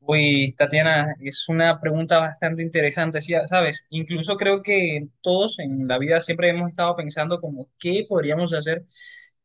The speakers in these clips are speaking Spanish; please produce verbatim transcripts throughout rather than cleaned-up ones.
Uy, Tatiana, es una pregunta bastante interesante, sí, ¿sabes? Incluso creo que todos en la vida siempre hemos estado pensando como qué podríamos hacer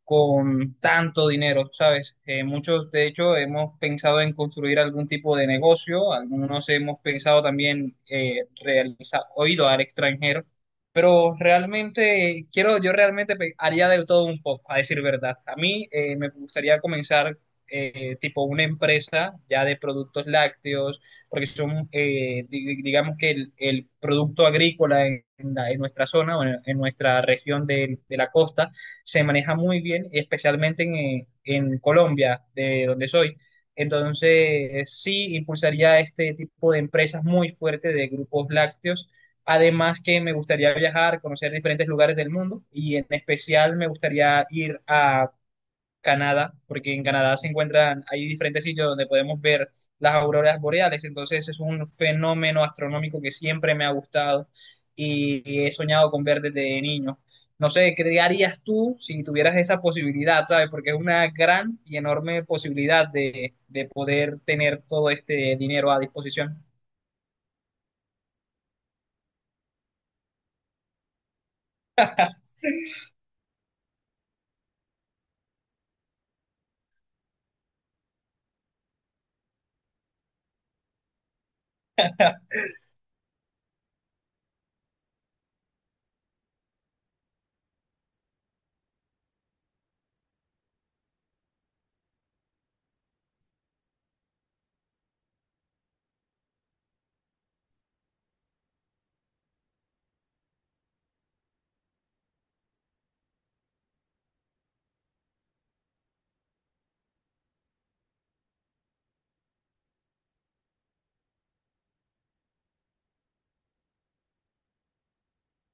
con tanto dinero, ¿sabes? Eh, muchos, de hecho, hemos pensado en construir algún tipo de negocio, algunos hemos pensado también eh, realizar o ido al extranjero, pero realmente, quiero, yo realmente pe- haría de todo un poco, a decir verdad. A mí eh, me gustaría comenzar eh, tipo una empresa ya de productos lácteos, porque son, eh, di- digamos que el, el producto agrícola en, la- en nuestra zona o en, en nuestra región de, de la costa se maneja muy bien, especialmente en, eh, en Colombia, de donde soy. Entonces, sí impulsaría este tipo de empresas muy fuerte de grupos lácteos. Además que me gustaría viajar, conocer diferentes lugares del mundo y en especial me gustaría ir a Canadá, porque en Canadá se encuentran, hay diferentes sitios donde podemos ver las auroras boreales, entonces es un fenómeno astronómico que siempre me ha gustado y, y he soñado con ver desde niño. No sé, ¿qué harías tú si tuvieras esa posibilidad, sabes? Porque es una gran y enorme posibilidad de, de poder tener todo este dinero a disposición.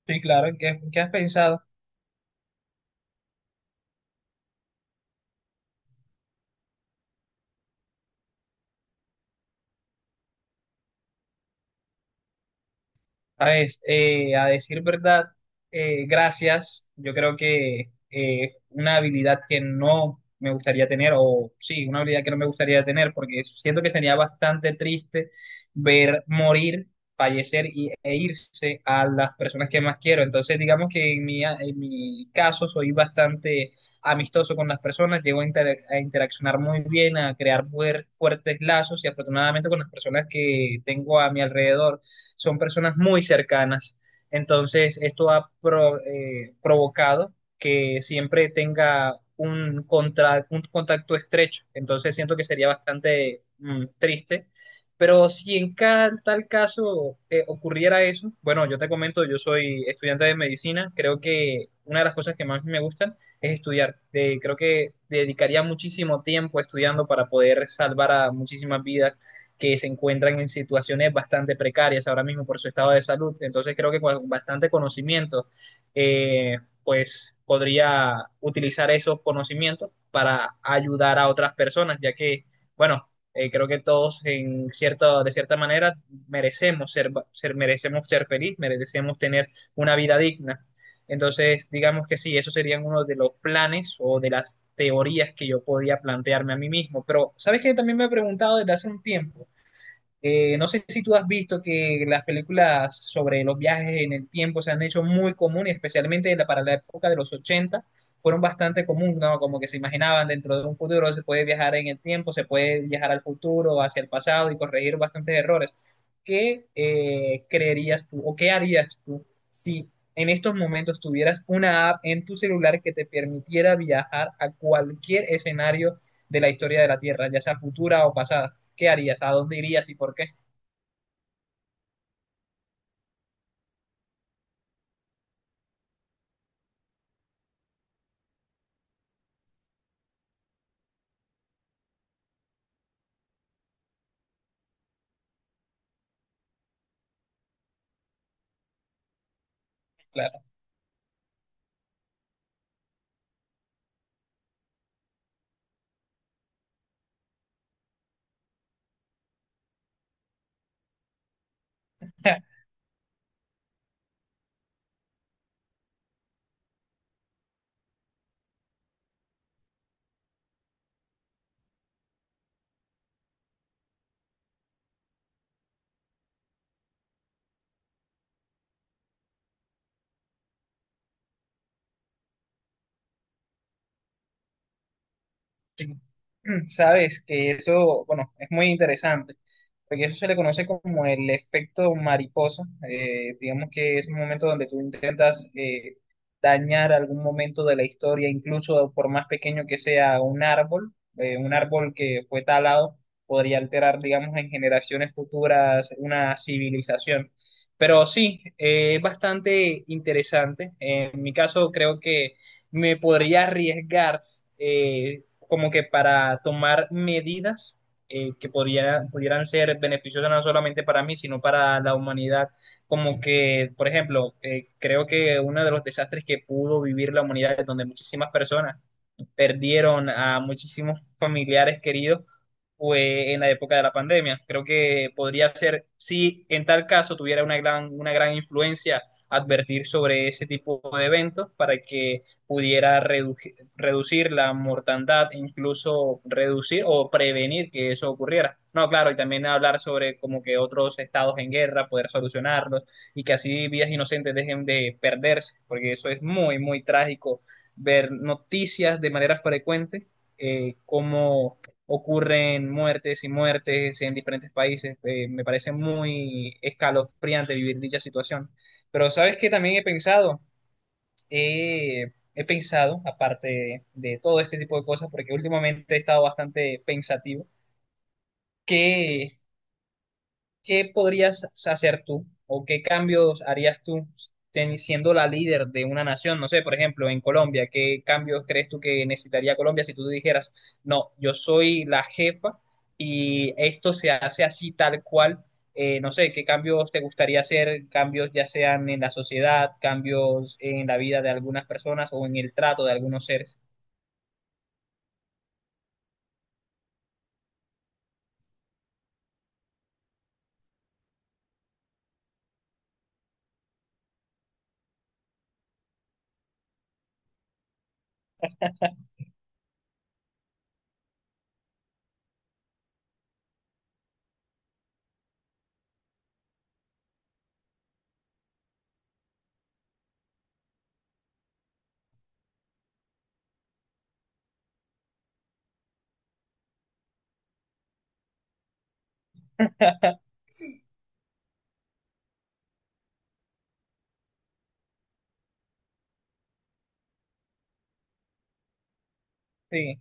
Sí, claro, ¿en qué, en qué has pensado? ¿Sabes? Eh, a decir verdad, eh, gracias. Yo creo que eh, una habilidad que no me gustaría tener, o sí, una habilidad que no me gustaría tener, porque siento que sería bastante triste ver morir, fallecer y, e irse a las personas que más quiero. Entonces, digamos que en mi, en mi caso soy bastante amistoso con las personas, llego a, inter- a interaccionar muy bien, a crear fuer- fuertes lazos y afortunadamente con las personas que tengo a mi alrededor son personas muy cercanas. Entonces, esto ha pro- eh, provocado que siempre tenga un, contra- un contacto estrecho. Entonces, siento que sería bastante mm, triste. Pero si en ca- tal caso eh, ocurriera eso, bueno, yo te comento, yo soy estudiante de medicina, creo que una de las cosas que más me gustan es estudiar. Eh, creo que dedicaría muchísimo tiempo estudiando para poder salvar a muchísimas vidas que se encuentran en situaciones bastante precarias ahora mismo por su estado de salud. Entonces creo que con bastante conocimiento, eh, pues podría utilizar esos conocimientos para ayudar a otras personas, ya que, bueno, eh, creo que todos en cierta, de cierta manera merecemos ser, ser, merecemos ser feliz, merecemos tener una vida digna. Entonces, digamos que sí, esos serían uno de los planes o de las teorías que yo podía plantearme a mí mismo. Pero, ¿sabes qué? También me he preguntado desde hace un tiempo, eh, no sé si tú has visto que las películas sobre los viajes en el tiempo se han hecho muy comunes, especialmente en la- para la época de los ochenta, fueron bastante comunes, ¿no? Como que se imaginaban dentro de un futuro se puede viajar en el tiempo, se puede viajar al futuro, hacia el pasado y corregir bastantes errores. ¿Qué eh, creerías tú o qué harías tú si en estos momentos tuvieras una app en tu celular que te permitiera viajar a cualquier escenario de la historia de la Tierra, ya sea futura o pasada? ¿Qué harías? ¿A dónde irías y por qué? Claro. Sí. Sabes que eso, bueno, es muy interesante, porque eso se le conoce como el efecto mariposa. Eh, digamos que es un momento donde tú intentas eh, dañar algún momento de la historia, incluso por más pequeño que sea un árbol, eh, un árbol que fue talado, podría alterar, digamos, en generaciones futuras una civilización. Pero sí, eh, es bastante interesante. En mi caso, creo que me podría arriesgar. eh, Como que para tomar medidas eh, que podría- pudieran ser beneficiosas no solamente para mí, sino para la humanidad. Como que, por ejemplo, eh, creo que uno de los desastres que pudo vivir la humanidad, donde muchísimas personas perdieron a muchísimos familiares queridos fue en la época de la pandemia. Creo que podría ser, si en tal caso tuviera una gran, una gran influencia, advertir sobre ese tipo de eventos para que pudiera redu- reducir la mortandad, incluso reducir o prevenir que eso ocurriera. No, claro, y también hablar sobre como que otros estados en guerra, poder solucionarlos y que así vidas inocentes dejen de perderse, porque eso es muy, muy trágico ver noticias de manera frecuente, eh, cómo ocurren muertes y muertes en diferentes países. Eh, me parece muy escalofriante vivir dicha situación. Pero ¿sabes qué? También he pensado. Eh, he pensado, aparte de, de todo este tipo de cosas, porque últimamente he estado bastante pensativo, que ¿qué podrías hacer tú o qué cambios harías tú ten- siendo la líder de una nación? No sé, por ejemplo, en Colombia, ¿qué cambios crees tú que necesitaría Colombia si tú dijeras, no, yo soy la jefa y esto se hace así tal cual? Eh, no sé, ¿qué cambios te gustaría hacer? Cambios ya sean en la sociedad, cambios en la vida de algunas personas o en el trato de algunos seres. Sí.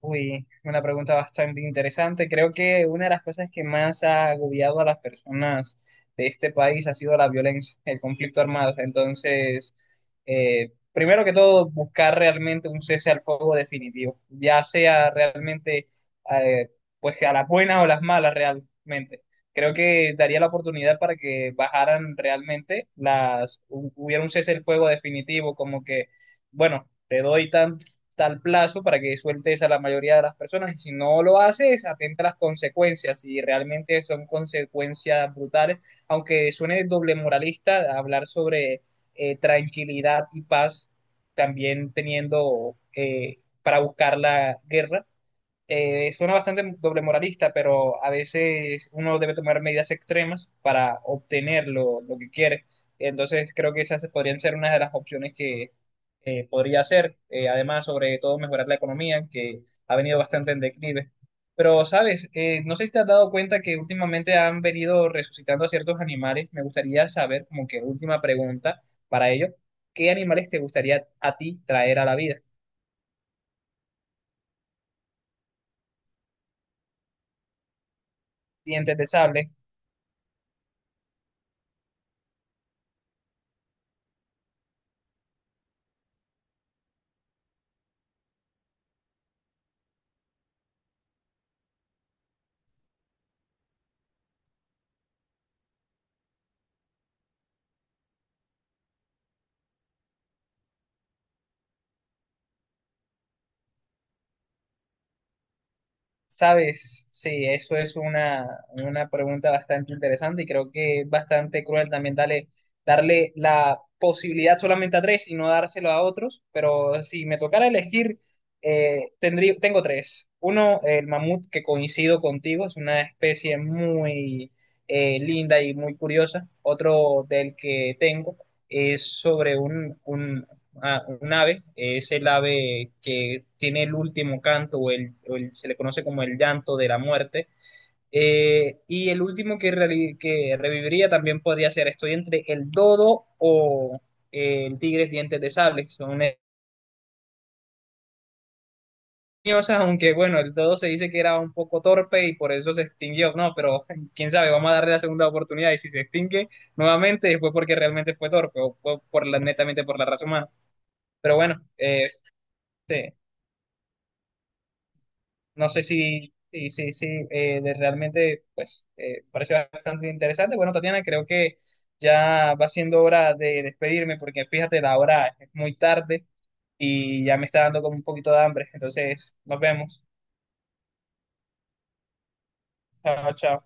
Uy, una pregunta bastante interesante. Creo que una de las cosas que más ha agobiado a las personas de este país ha sido la violencia, el conflicto armado. Entonces, eh, primero que todo, buscar realmente un cese al fuego definitivo, ya sea realmente, eh, pues a las buenas o las malas realmente. Creo que daría la oportunidad para que bajaran realmente las, hu- hubiera un cese al fuego definitivo, como que, bueno, te doy tanto tal plazo para que sueltes a la mayoría de las personas. Y si no lo haces, atenta a las consecuencias. Y realmente son consecuencias brutales. Aunque suene doble moralista hablar sobre eh, tranquilidad y paz, también teniendo eh, para buscar la guerra, eh, suena bastante doble moralista, pero a veces uno debe tomar medidas extremas para obtener lo, lo que quiere. Entonces creo que esas podrían ser una de las opciones que eh, podría hacer. Eh, además, sobre todo mejorar la economía, que ha venido bastante en declive. Pero, ¿sabes? Eh, no sé si te has dado cuenta que últimamente han venido resucitando a ciertos animales. Me gustaría saber, como que última pregunta para ello, ¿qué animales te gustaría a ti traer a la vida? Dientes de sable. Sabes, sí, eso es una, una pregunta bastante interesante y creo que es bastante cruel también darle, darle la posibilidad solamente a tres y no dárselo a otros, pero si me tocara elegir, eh, tendría, tengo tres. Uno, el mamut, que coincido contigo, es una especie muy eh, linda y muy curiosa. Otro del que tengo es sobre un, un. Ah, un ave, es el ave que tiene el último canto o, el, o el- se le conoce como el llanto de la muerte. Eh, y el último que, reali- que reviviría también podría ser, estoy entre el dodo o eh, el tigre dientes de sable. Son leñosas, aunque bueno, el dodo se dice que era un poco torpe y por eso se extinguió, ¿no? Pero quién sabe, vamos a darle la segunda oportunidad y si se extingue nuevamente fue porque realmente fue torpe o fue por la, netamente por la raza humana. Pero bueno, eh, sí. No sé si, si, si, si, eh, de realmente, pues, eh, parece bastante interesante. Bueno, Tatiana, creo que ya va siendo hora de despedirme porque fíjate, la hora es muy tarde y ya me está dando como un poquito de hambre. Entonces, nos vemos. Chao, chao.